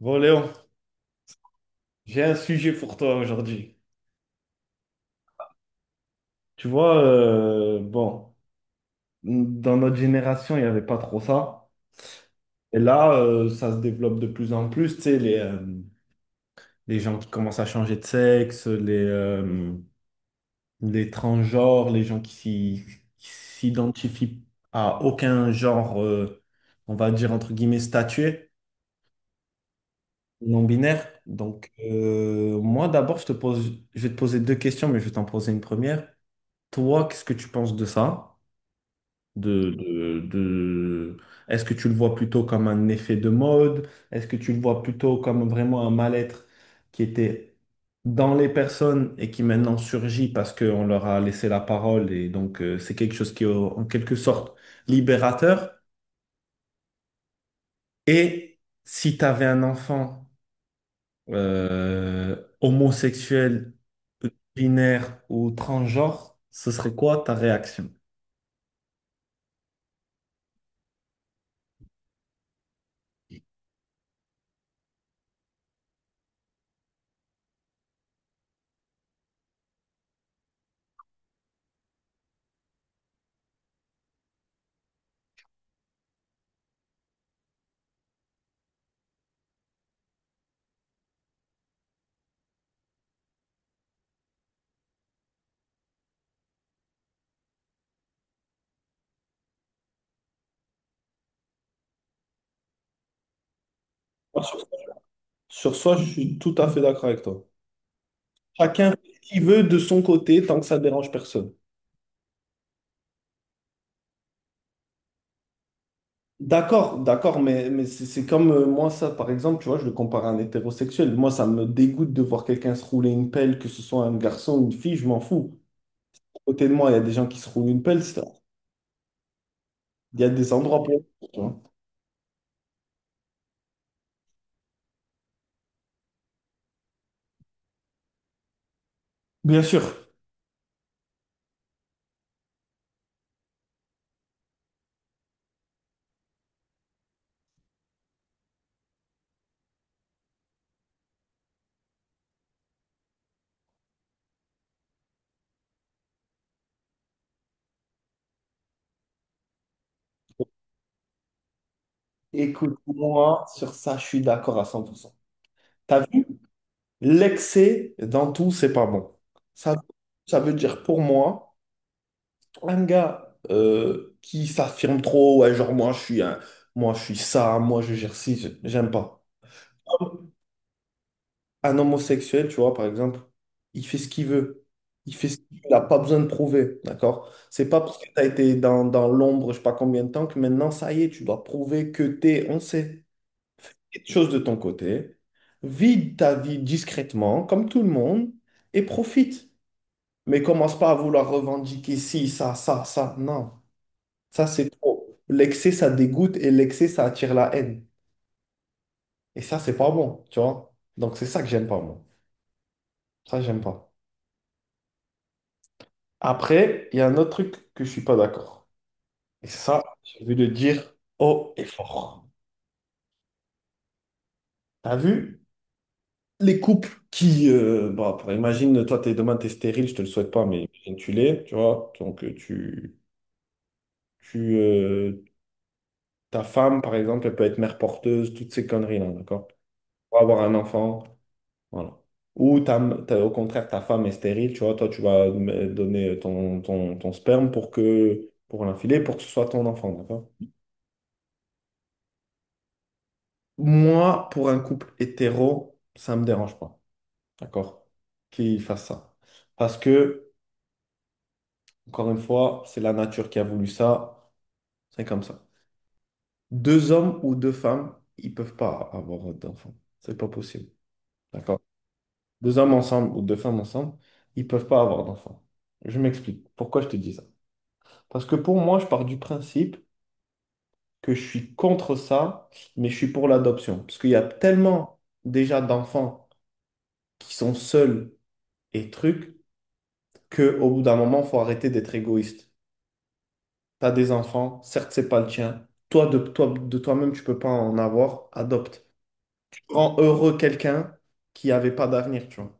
Bon, Léon, j'ai un sujet pour toi aujourd'hui. Tu vois, bon, dans notre génération, il n'y avait pas trop ça. Et là, ça se développe de plus en plus. Tu sais, les gens qui commencent à changer de sexe, les transgenres, les gens qui s'y- qui s'identifient à aucun genre, on va dire entre guillemets, statué, non-binaire. Donc, moi, d'abord, je vais te poser deux questions, mais je vais t'en poser une première. Toi, qu'est-ce que tu penses de ça? de, de, de- Est-ce que tu le vois plutôt comme un effet de mode? Est-ce que tu le vois plutôt comme vraiment un mal-être qui était dans les personnes et qui maintenant surgit parce qu'on leur a laissé la parole et donc c'est quelque chose qui est en quelque sorte libérateur? Et si tu avais un enfant homosexuel, binaire ou transgenre, ce serait quoi ta réaction? Moi, Sur sur ça, je suis tout à fait d'accord avec toi. Chacun fait ce qu'il veut de son côté tant que ça dérange personne. D'accord, d'accord, mais c'est comme moi, ça, par exemple, tu vois, je le compare à un hétérosexuel. Moi, ça me dégoûte de voir quelqu'un se rouler une pelle, que ce soit un garçon ou une fille, je m'en fous. À côté de moi, il y a des gens qui se roulent une pelle, il y a des endroits pour. Tu vois. Bien sûr. Écoute-moi, sur ça, je suis d'accord à 100%. T'as vu? L'excès dans tout, c'est pas bon. Ça, ça veut dire pour moi. Un gars qui s'affirme trop, ouais, genre moi je suis ça, moi je gère ci, j'aime pas. Un homosexuel, tu vois, par exemple, il fait ce qu'il veut. Il fait ce qu'il n'a pas besoin de prouver, d'accord? C'est pas parce que tu as été dans l'ombre, je sais pas combien de temps, que maintenant, ça y est, tu dois prouver que t'es, on sait, quelque chose de ton côté. Vide ta vie discrètement, comme tout le monde, et profite. Mais commence pas à vouloir revendiquer ci, ça, ça, ça. Non. Ça, c'est trop. L'excès, ça dégoûte et l'excès, ça attire la haine. Et ça, c'est pas bon, tu vois. Donc, c'est ça que j'aime pas, moi. Ça, j'aime pas. Après, il y a un autre truc que je suis pas d'accord. Et ça, j'ai envie de dire haut et fort. T'as vu? Les couples qui, bah, imagine, toi, demain, t'es stérile, je te le souhaite pas, mais imagine, tu l'es, tu vois. Donc, tu, euh, ta femme, par exemple, elle peut être mère porteuse, toutes ces conneries-là, d'accord? Pour avoir un enfant. Voilà. Ou ta- au contraire, ta femme est stérile, tu vois, toi, donner ton sperme pour que, pour l'infiler, pour que ce soit ton enfant, d'accord? Moi, pour un couple hétéro, ça me dérange pas, d'accord? Qu'il fasse ça. Parce que, encore une fois, c'est la nature qui a voulu ça, c'est comme ça. Deux hommes ou deux femmes, ils peuvent pas avoir d'enfants. C'est pas possible, d'accord? Deux hommes ensemble ou deux femmes ensemble, ils peuvent pas avoir d'enfants. Je m'explique. Pourquoi je te dis ça? Parce que pour moi, je pars du principe que je suis contre ça, mais je suis pour l'adoption. Parce qu'il y a tellement déjà d'enfants qui sont seuls et trucs qu'au bout d'un moment, il faut arrêter d'être égoïste. Tu as des enfants, certes, c'est pas le tien. De toi-même, tu peux pas en avoir, adopte. Rends heureux quelqu'un qui avait pas d'avenir, tu vois.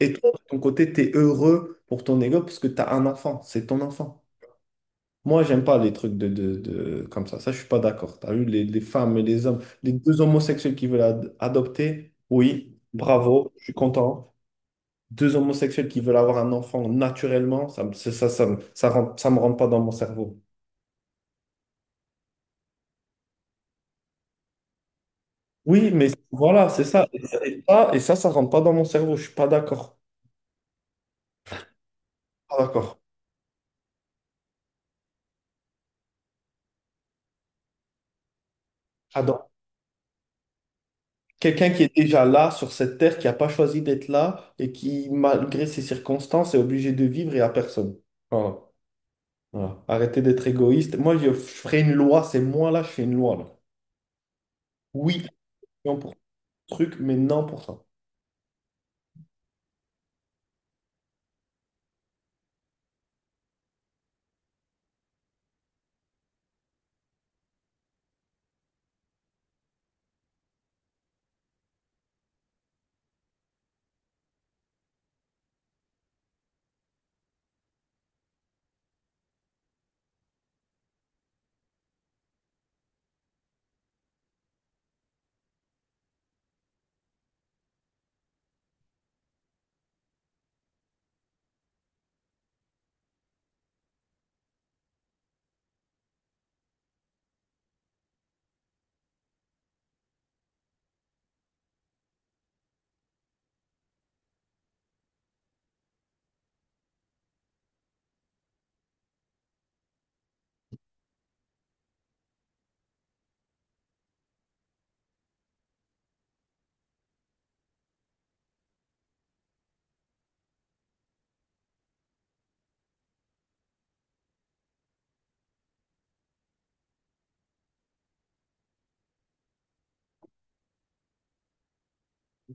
Et toi, de ton côté, tu es heureux pour ton ego parce que tu as un enfant, c'est ton enfant. Moi, j'aime pas les trucs comme ça. Ça, je suis pas d'accord. T'as vu, les femmes et les hommes, les deux homosexuels qui veulent adopter, oui, bravo, je suis content. Deux homosexuels qui veulent avoir un enfant naturellement, c'est ça, ça me rentre pas dans mon cerveau. Oui, mais voilà, c'est ça. Et ça ça rentre pas dans mon cerveau. Je suis pas d'accord. Pas d'accord. J'adore. Quelqu'un qui est déjà là, sur cette terre, qui n'a pas choisi d'être là et qui, malgré ses circonstances, est obligé de vivre et à personne. Voilà. Voilà. Arrêtez d'être égoïste. Moi, je ferai une loi, c'est moi là, je fais une loi là. Oui, non pour ce truc, mais non pour ça.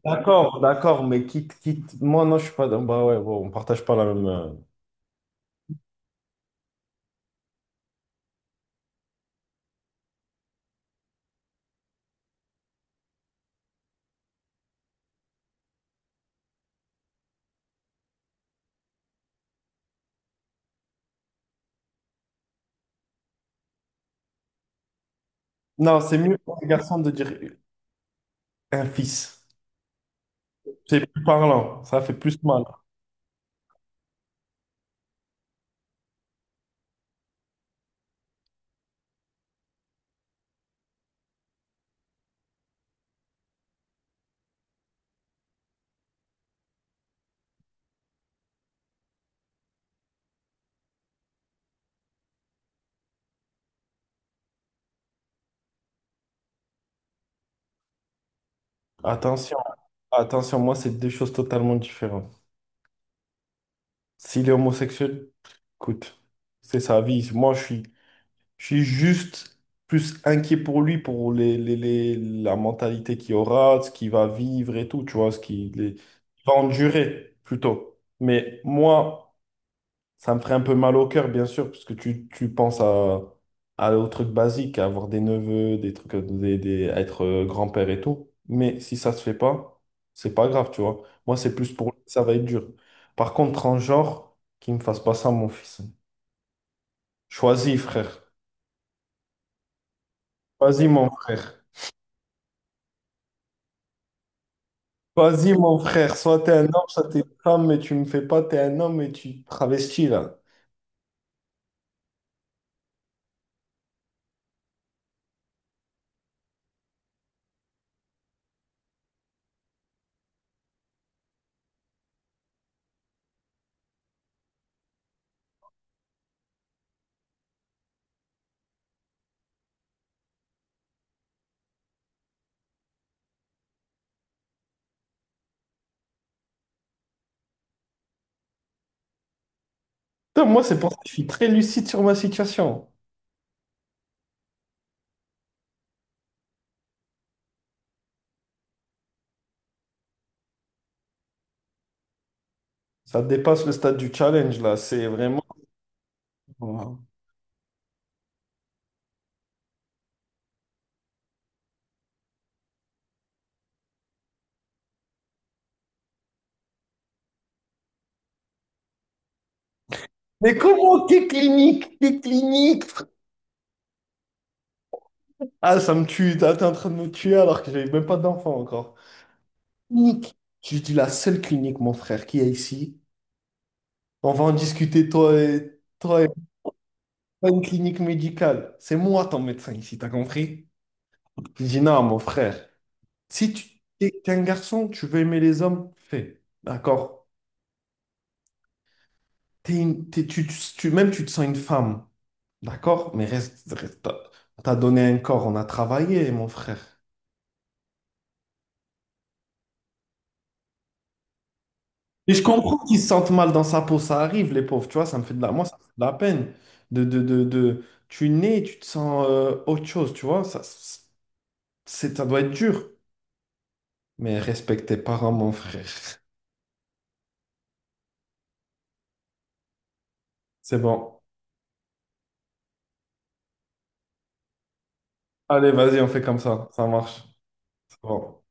D'accord, d'accord, mais quitte, quitte. Moi, non, je suis pas. Dans- bah ouais, bon, on partage pas la même. Euh, non, c'est mieux pour un garçon de dire un fils. C'est plus parlant, ça fait plus mal. Attention, attention, moi, c'est deux choses totalement différentes. S'il est homosexuel, écoute, c'est sa vie. Moi, je suis juste plus inquiet pour lui, pour la mentalité qu'il aura, ce qu'il va vivre et tout, tu vois, il va endurer plutôt. Mais moi, ça me ferait un peu mal au cœur, bien sûr, parce que tu penses à, aux trucs basiques, à avoir des neveux, des trucs, des- à être grand-père et tout. Mais si ça se fait pas, c'est pas grave, tu vois. Moi, c'est plus pour lui que ça va être dur. Par contre, en genre, qu'il me fasse pas ça, mon fils. Choisis, frère. Choisis, mon frère. Choisis, mon frère. Soit t'es un homme, soit t'es une femme, mais tu me fais pas, t'es un homme et tu te travestis, là. Putain, moi, c'est pour ça que je suis très lucide sur ma situation. Ça dépasse le stade du challenge, là. C'est vraiment. Mais comment t'es clinique? T'es clinique? Frère, ah, ça me tue. T'es en train de me tuer alors que j'avais même pas d'enfant encore. Clinique. Je dis la seule clinique, mon frère, qu'il y a ici. On va en discuter, toi et pas une clinique médicale. C'est moi ton médecin ici, t'as compris? Je dis non, mon frère. Si tu t'es un garçon, tu veux aimer les hommes, fais. D'accord? Tu, même tu te sens une femme. D'accord? Mais reste, t'as t'as donné un corps, on a travaillé, mon frère. Et je comprends qu'ils se sentent mal dans sa peau, ça arrive, les pauvres, tu vois, ça me fait de la... Moi, ça me fait de la peine Tu nais, tu te sens autre chose, tu vois, ça, ça doit être dur. Mais respecte tes parents, mon frère. C'est bon. Allez, vas-y, on fait comme ça marche. C'est bon.